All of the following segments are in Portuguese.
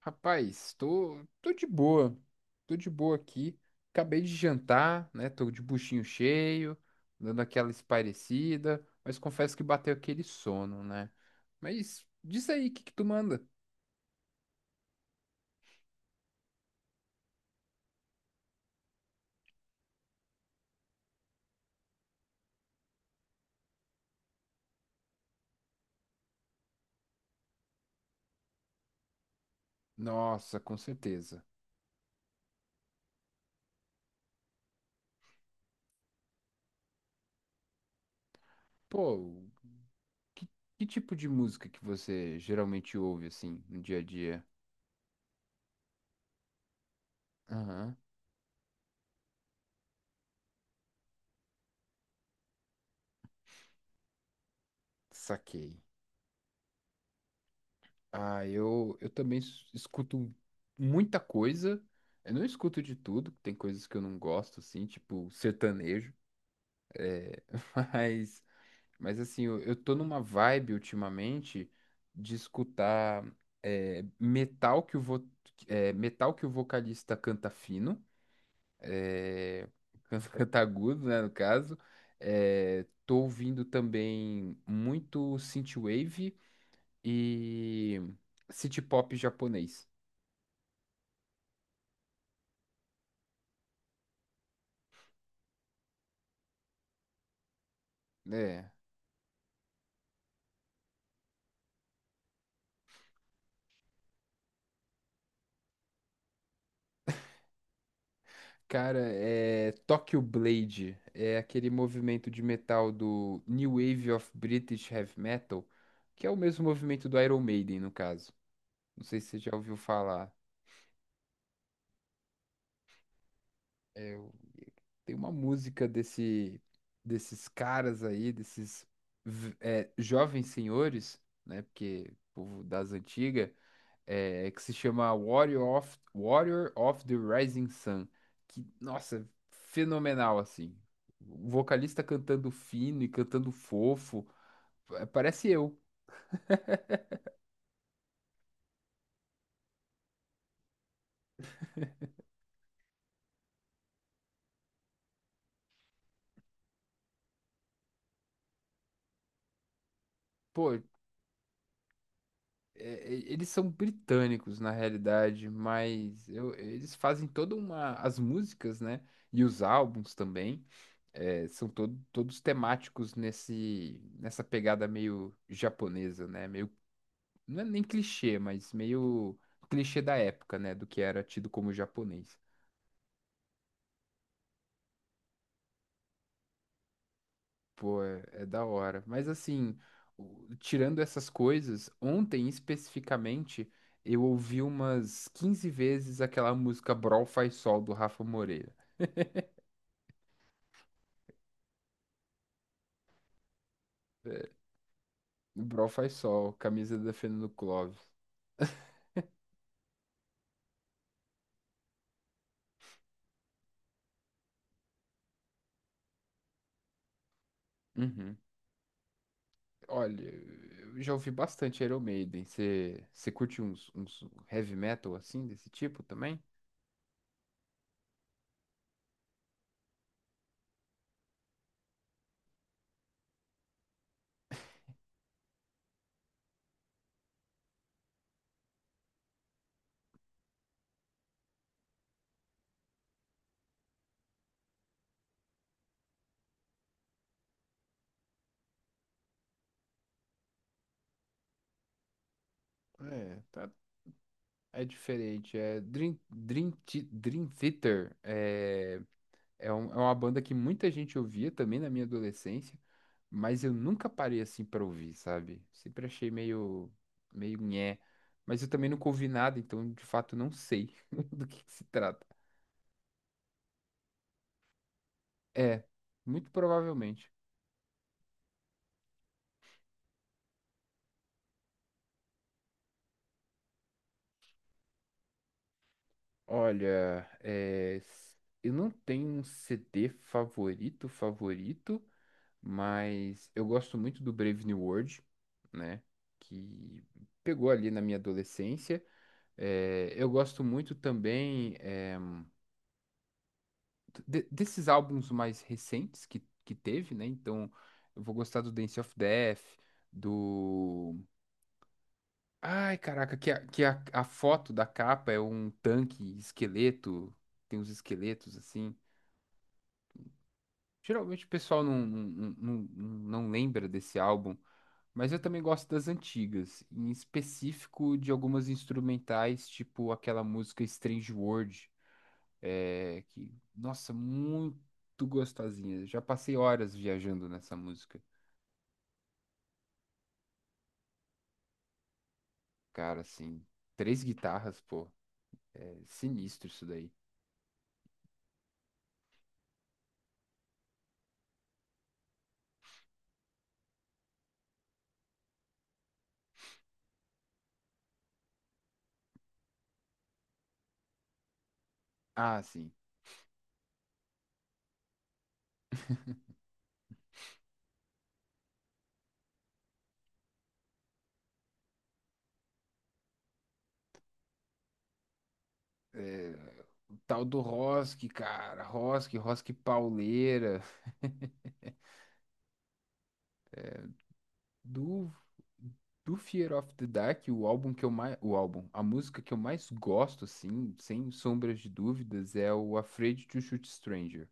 Rapaz, tô de boa. Tô de boa aqui. Acabei de jantar, né? Tô de buchinho cheio, dando aquela espairecida, mas confesso que bateu aquele sono, né? Mas diz aí, o que que tu manda? Nossa, com certeza. Pô, que, que tipo de música que você geralmente ouve, assim, no dia a dia? Aham, saquei. Ah, eu também escuto muita coisa. Eu não escuto de tudo, tem coisas que eu não gosto, assim, tipo sertanejo. é, mas, mas, assim, eu tô numa vibe ultimamente de escutar metal que o vocalista canta fino, é, canta agudo, né, no caso. É, tô ouvindo também muito synthwave e city pop japonês. É. Cara, é Tokyo Blade, é aquele movimento de metal do New Wave of British Heavy Metal, que é o mesmo movimento do Iron Maiden, no caso. Não sei se você já ouviu falar. É, tem uma música desses caras aí, desses jovens senhores, né? Porque povo das antigas, que se chama Warrior of the Rising Sun, que, nossa, fenomenal, assim. O vocalista cantando fino e cantando fofo, é, parece eu. Pô, eles são britânicos, na realidade, mas eles fazem toda uma... As músicas, né? E os álbuns também, são todos temáticos nesse, nessa pegada meio japonesa, né? Meio não é nem clichê, mas meio clichê da época, né? Do que era tido como japonês. Pô, é da hora. Mas assim, tirando essas coisas, ontem especificamente, eu ouvi umas 15 vezes aquela música Brol Faz Sol do Rafa Moreira. É, o Brol Faz Sol, camisa da Fernando Clóvis. Uhum. Olha, eu já ouvi bastante Iron Maiden. Você curte uns heavy metal assim, desse tipo também? É, tá. É diferente, é Dream Theater é uma banda que muita gente ouvia também na minha adolescência, mas eu nunca parei assim pra ouvir, sabe? Sempre achei meio, meio nhé, mas eu também nunca ouvi nada, então de fato não sei do que se trata. É, muito provavelmente. Olha, é, s- eu não tenho um CD favorito, favorito, mas eu gosto muito do Brave New World, né? Que pegou ali na minha adolescência. É, eu gosto muito também desses álbuns mais recentes que teve, né? Então, eu vou gostar do Dance of Death, do. Ai, caraca, que a foto da capa é um tanque, esqueleto, tem uns esqueletos assim. Geralmente o pessoal não lembra desse álbum. Mas eu também gosto das antigas, em específico de algumas instrumentais, tipo aquela música Strange World, que, nossa, muito gostosinha. Já passei horas viajando nessa música. Cara, assim, três guitarras, pô, é sinistro isso daí. Ah, sim, o tal do Rosk, cara, Rosk, Rosk pauleira. Do Fire of the Dark, o álbum que eu mais, o álbum, a música que eu mais gosto, assim, sem sombras de dúvidas, é o Afraid to Shoot Stranger,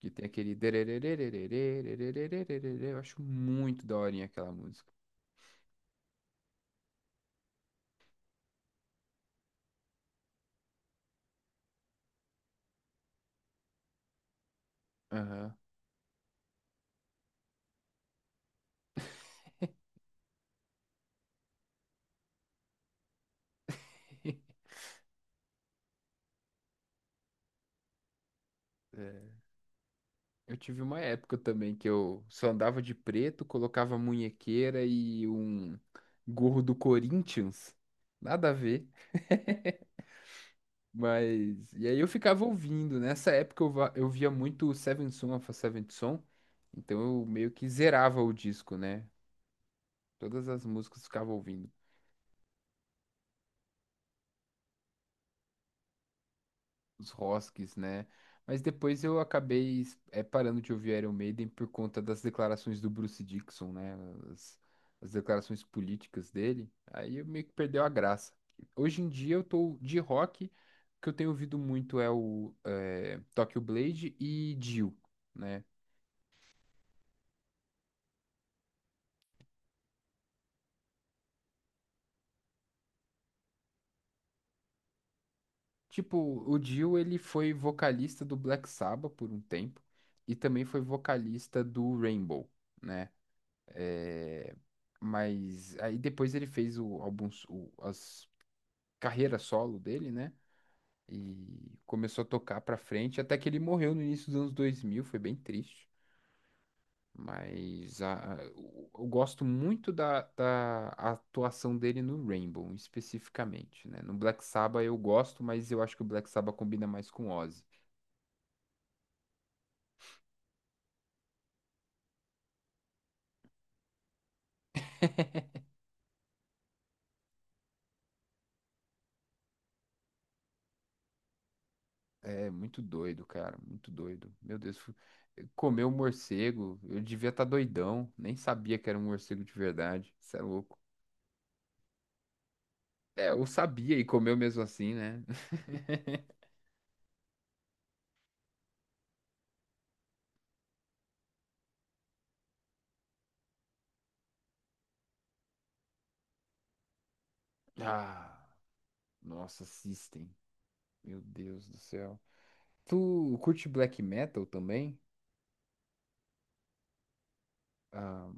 que tem aquele, eu acho muito da hora aquela música. Ah. Eu tive uma época também que eu só andava de preto, colocava muñequera e um gorro do Corinthians. Nada a ver. Mas. E aí eu ficava ouvindo. Nessa época eu, eu via muito o Seventh Son of a Seventh Son. Então eu meio que zerava o disco, né? Todas as músicas eu ficava ouvindo. Os Rosques, né? Mas depois eu acabei parando de ouvir Iron Maiden por conta das declarações do Bruce Dickinson, né? As, as declarações políticas dele. Aí eu meio que perdeu a graça. Hoje em dia eu tô de rock. O que eu tenho ouvido muito é o Tokyo Blade e Dio. Né? Tipo, o Dio, ele foi vocalista do Black Sabbath por um tempo e também foi vocalista do Rainbow, né? É, mas aí depois ele fez as carreira solo dele, né? E começou a tocar pra frente, até que ele morreu no início dos anos 2000, foi bem triste. Mas eu gosto muito da atuação dele no Rainbow, especificamente, né? No Black Sabbath eu gosto, mas eu acho que o Black Sabbath combina mais com Ozzy. É muito doido, cara, muito doido. Meu Deus, comeu um morcego, eu devia estar doidão, nem sabia que era um morcego de verdade. Isso é louco. É, eu sabia e comeu mesmo assim, né? Ah, nossa, assistem. Meu Deus do céu. Tu curte black metal também? Ah,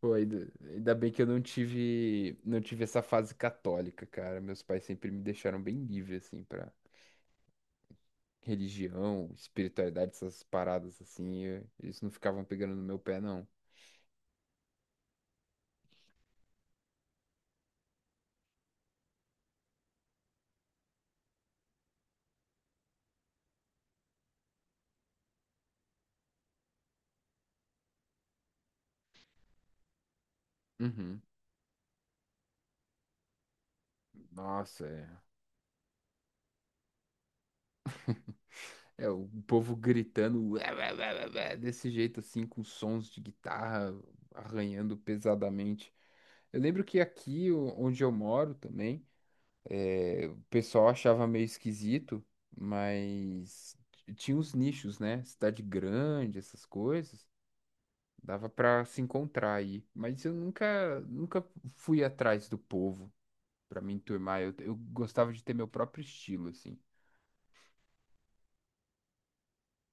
pô, ainda bem que eu não tive essa fase católica, cara. Meus pais sempre me deixaram bem livre assim para religião, espiritualidade, essas paradas assim, eles não ficavam pegando no meu pé, não. Uhum. Nossa, é. É, o povo gritando "Ué, ué, ué, ué, ué", desse jeito assim, com sons de guitarra arranhando pesadamente. Eu lembro que aqui, onde eu moro também, o pessoal achava meio esquisito, mas tinha uns nichos, né? Cidade grande, essas coisas. Dava pra se encontrar aí, mas eu nunca fui atrás do povo. Pra me enturmar. Eu gostava de ter meu próprio estilo, assim.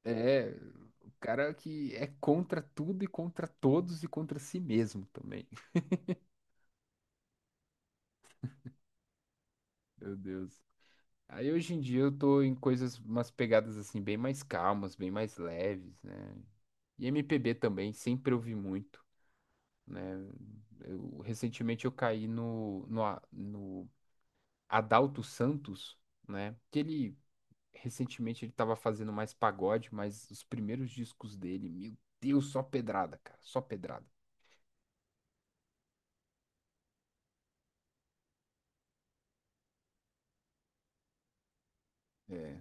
É, o cara que é contra tudo e contra todos e contra si mesmo também. Meu Deus. Aí hoje em dia eu tô em coisas, umas pegadas assim, bem mais calmas, bem mais leves, né? E MPB também, sempre ouvi muito, né? Eu, recentemente eu caí no Adalto Santos, né? Que ele recentemente ele tava fazendo mais pagode, mas os primeiros discos dele, meu Deus, só pedrada, cara, só pedrada. É.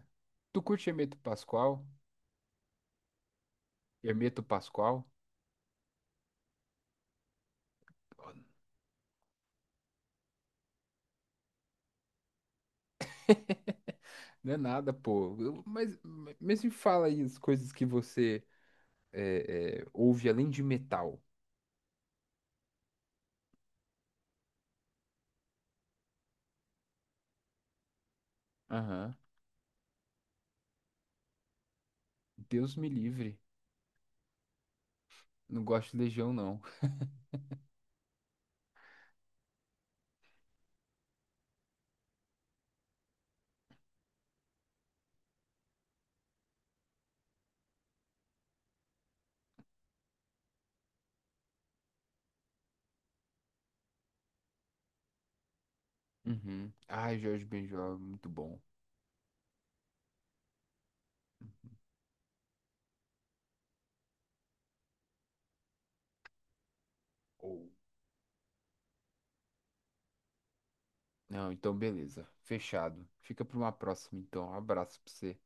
Tu curte Hermeto Pascoal? Hermeto Pascoal? Não é nada, pô. Mas me fala aí as coisas que você ouve além de metal. Aham. Deus me livre. Não gosto de Legião, não. Uhum. Ai, Jorge Benjor, muito bom. Ou. Não, então beleza. Fechado. Fica pra uma próxima, então. Um abraço pra você.